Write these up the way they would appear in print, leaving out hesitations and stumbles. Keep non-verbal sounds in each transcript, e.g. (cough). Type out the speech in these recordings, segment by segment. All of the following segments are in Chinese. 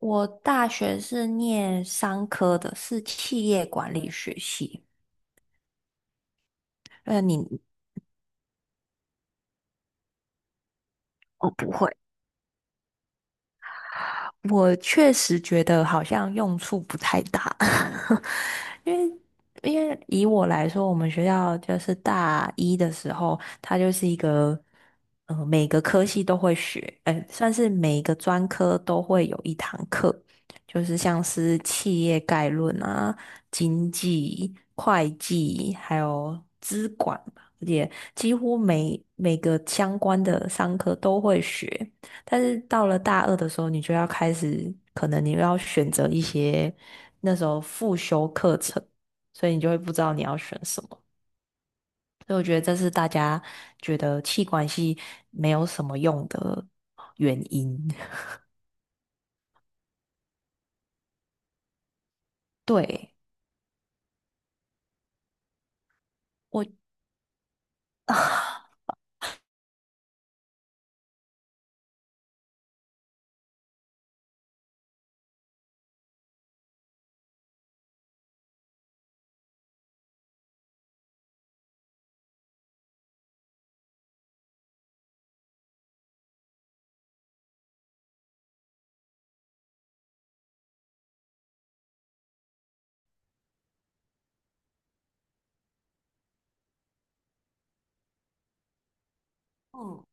我大学是念商科的，是企业管理学系。呃，你哦，不会。我确实觉得好像用处不太大，(laughs) 因为因为以我来说，我们学校就是大一的时候，它就是一个，每个科系都会学，算是每一个专科都会有一堂课，就是像是企业概论啊、经济、会计，还有资管吧，而且几乎每个相关的商科都会学。但是到了大二的时候，你就要开始，可能你要选择一些那时候复修课程，所以你就会不知道你要选什么。所以我觉得这是大家觉得气管系没有什么用的原因。(laughs) 对，我，(sighs) 嗯，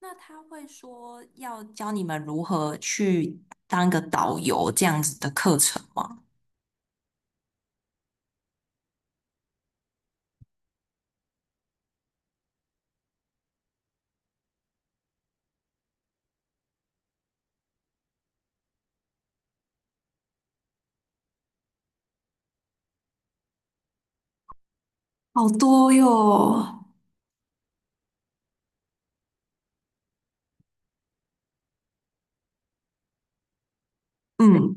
那他会说要教你们如何去当一个导游这样子的课程吗？好多哟。嗯，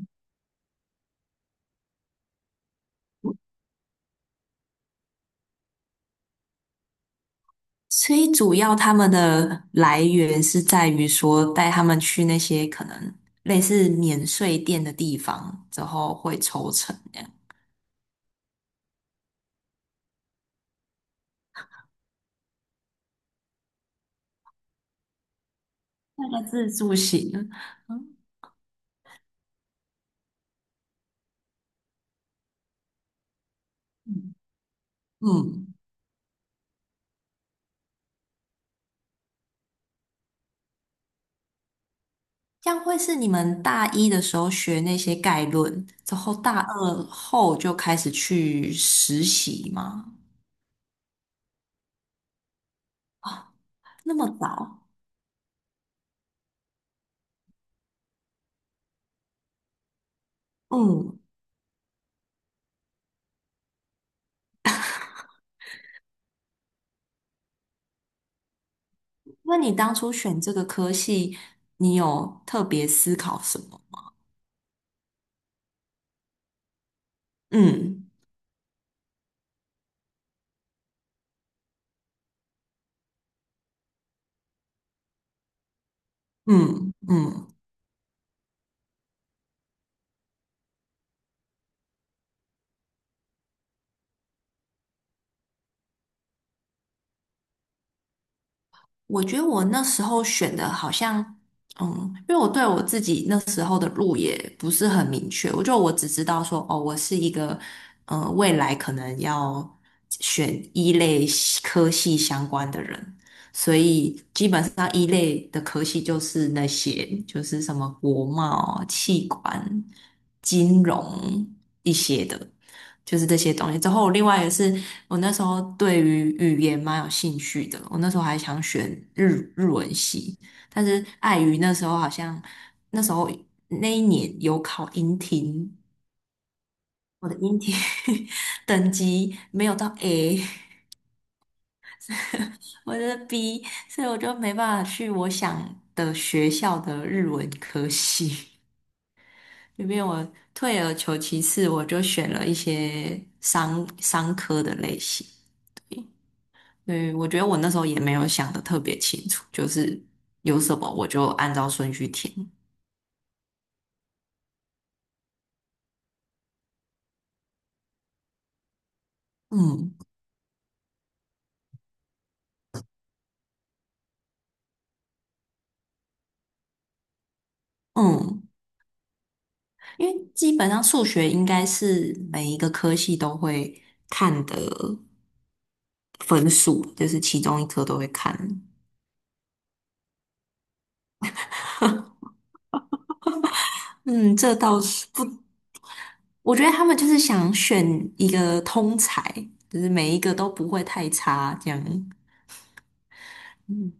所以主要他们的来源是在于说带他们去那些可能类似免税店的地方，之后会抽成这样，那个自助型。嗯嗯，嗯这样会是你们大一的时候学那些概论，之后大二后就开始去实习吗？那么早？嗯，那你当初选这个科系，你有特别思考什么？嗯嗯嗯。我觉得我那时候选的好像，嗯，因为我对我自己那时候的路也不是很明确，我只知道说，哦，我是一个，未来可能要选一类系科系相关的人，所以基本上一类的科系就是那些，就是什么国贸、气管、金融一些的，就是这些东西。之后另外也是我那时候对于语言蛮有兴趣的，我那时候还想选日文系，但是碍于那时候好像那时候那一年有考英听，我的英听 (laughs) 等级没有到 A，我的 B，所以我就没办法去我想的学校的日文科系。因为我退而求其次，我就选了一些商科的类型。对，我觉得我那时候也没有想的特别清楚，就是有什么我就按照顺序填。嗯嗯，因为基本上数学应该是每一个科系都会看的分数，就是其中一科都会看。嗯，这倒是不，我觉得他们就是想选一个通才，就是每一个都不会太差这样。嗯，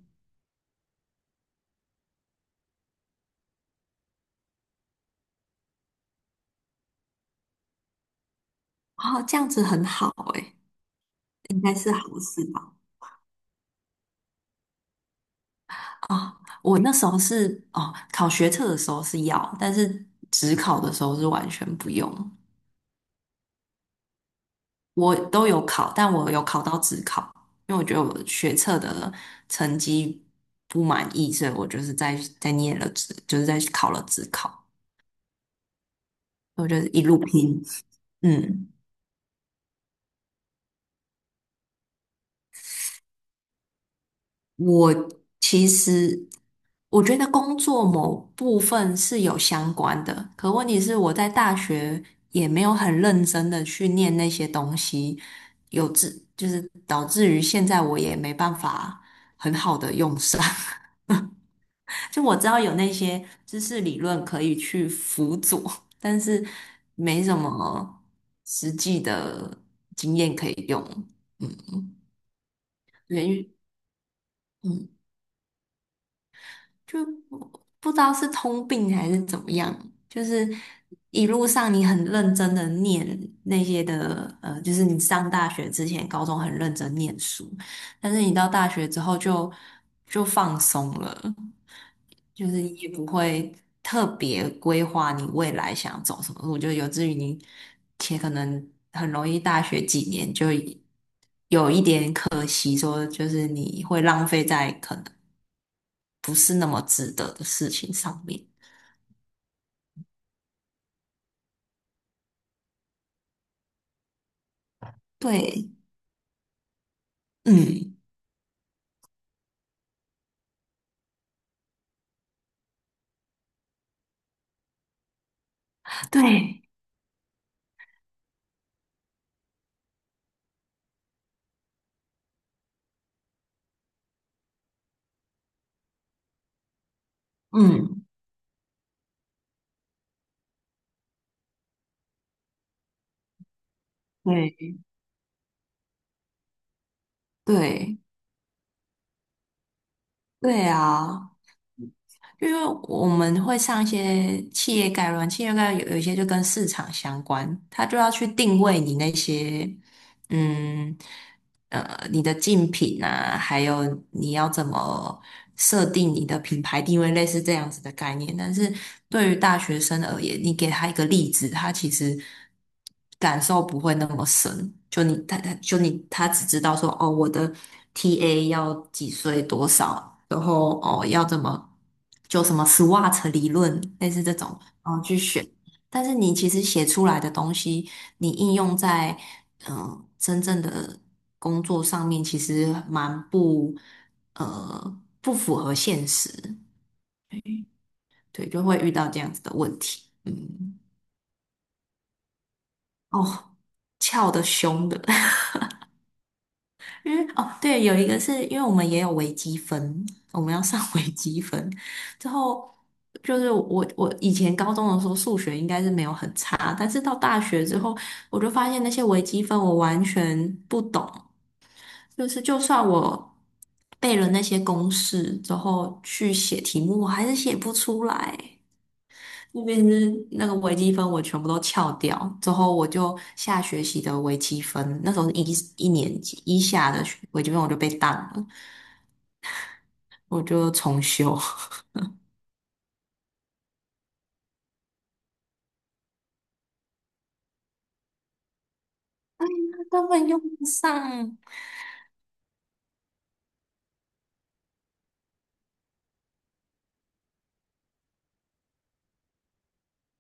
哦，这样子很好诶，应该是好事吧。哦，我那时候是哦，考学测的时候是要，但是职考的时候是完全不用。我都有考，但我有考到职考，因为我觉得我学测的成绩不满意，所以我就是在念了职，就是在考了职考，我就是一路拼。嗯，我其实我觉得工作某部分是有相关的，可问题是我在大学也没有很认真的去念那些东西，有致就是导致于现在我也没办法很好的用上。(laughs) 就我知道有那些知识理论可以去辅佐，但是没什么实际的经验可以用。嗯，对，因为嗯就不知道是通病还是怎么样，就是一路上你很认真的念那些的，就是你上大学之前，高中很认真念书，但是你到大学之后就放松了，就是也不会特别规划你未来想走什么路，就有至于你且可能很容易大学几年就有一点可惜，说就是你会浪费在可能。不是那么值得的事情上面。对，嗯，嗯对，嗯。对，对对啊，因为我们会上一些企业概论，有一些就跟市场相关，它就要去定位你那些嗯你的竞品啊，还有你要怎么设定你的品牌定位，类似这样子的概念。但是对于大学生而言，你给他一个例子，他其实感受不会那么深。就你他他就你他只知道说哦，我的 TA 要几岁多少，然后哦要怎么就什么 SWOT 理论，类似这种，然后去选。但是你其实写出来的东西。你应用在真正的工作上面，其实蛮不不符合现实，对，就会遇到这样子的问题。嗯，哦，翘的凶的，(laughs) 因为哦对，有一个是因为我们也有微积分，我们要上 (laughs) 微积分之后。就是我，我以前高中的时候数学应该是没有很差，但是到大学之后，我就发现那些微积分我完全不懂，就是就算我背了那些公式之后去写题目，我还是写不出来。那边是那个微积分，我全部都翘掉。之后我就下学期的微积分，那时候是一年级一下的学微积分，我就被当了，我就重修，(laughs) 根本用不上。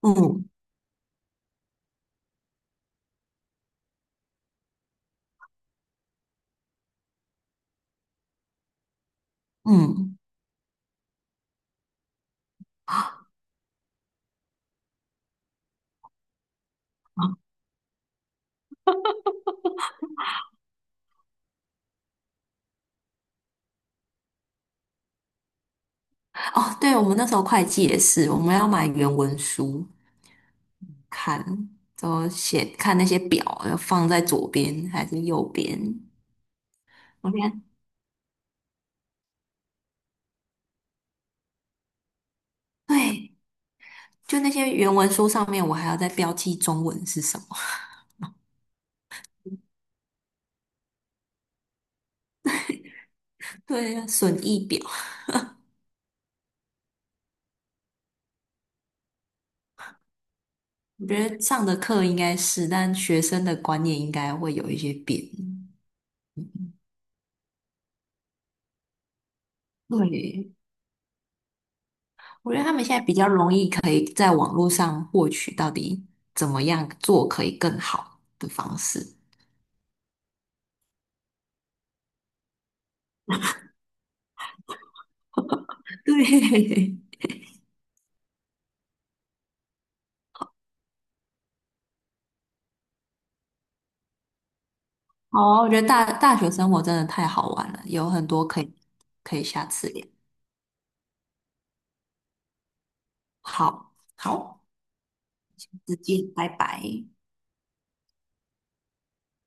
嗯嗯，哦，对，我们那时候会计也是，我们要买原文书看，然后写看那些表要放在左边还是右边。我现在对，就那些原文书上面，我还要再标记中文是什么。对呀，损益表，我觉得上的课应该是，但学生的观念应该会有一些变。对，我觉得他们现在比较容易可以在网络上获取到底怎么样做可以更好的方式。对，(laughs) 好啊我觉得大学生活真的太好玩了，有很多可以可以下次聊。好，好，再见，拜拜。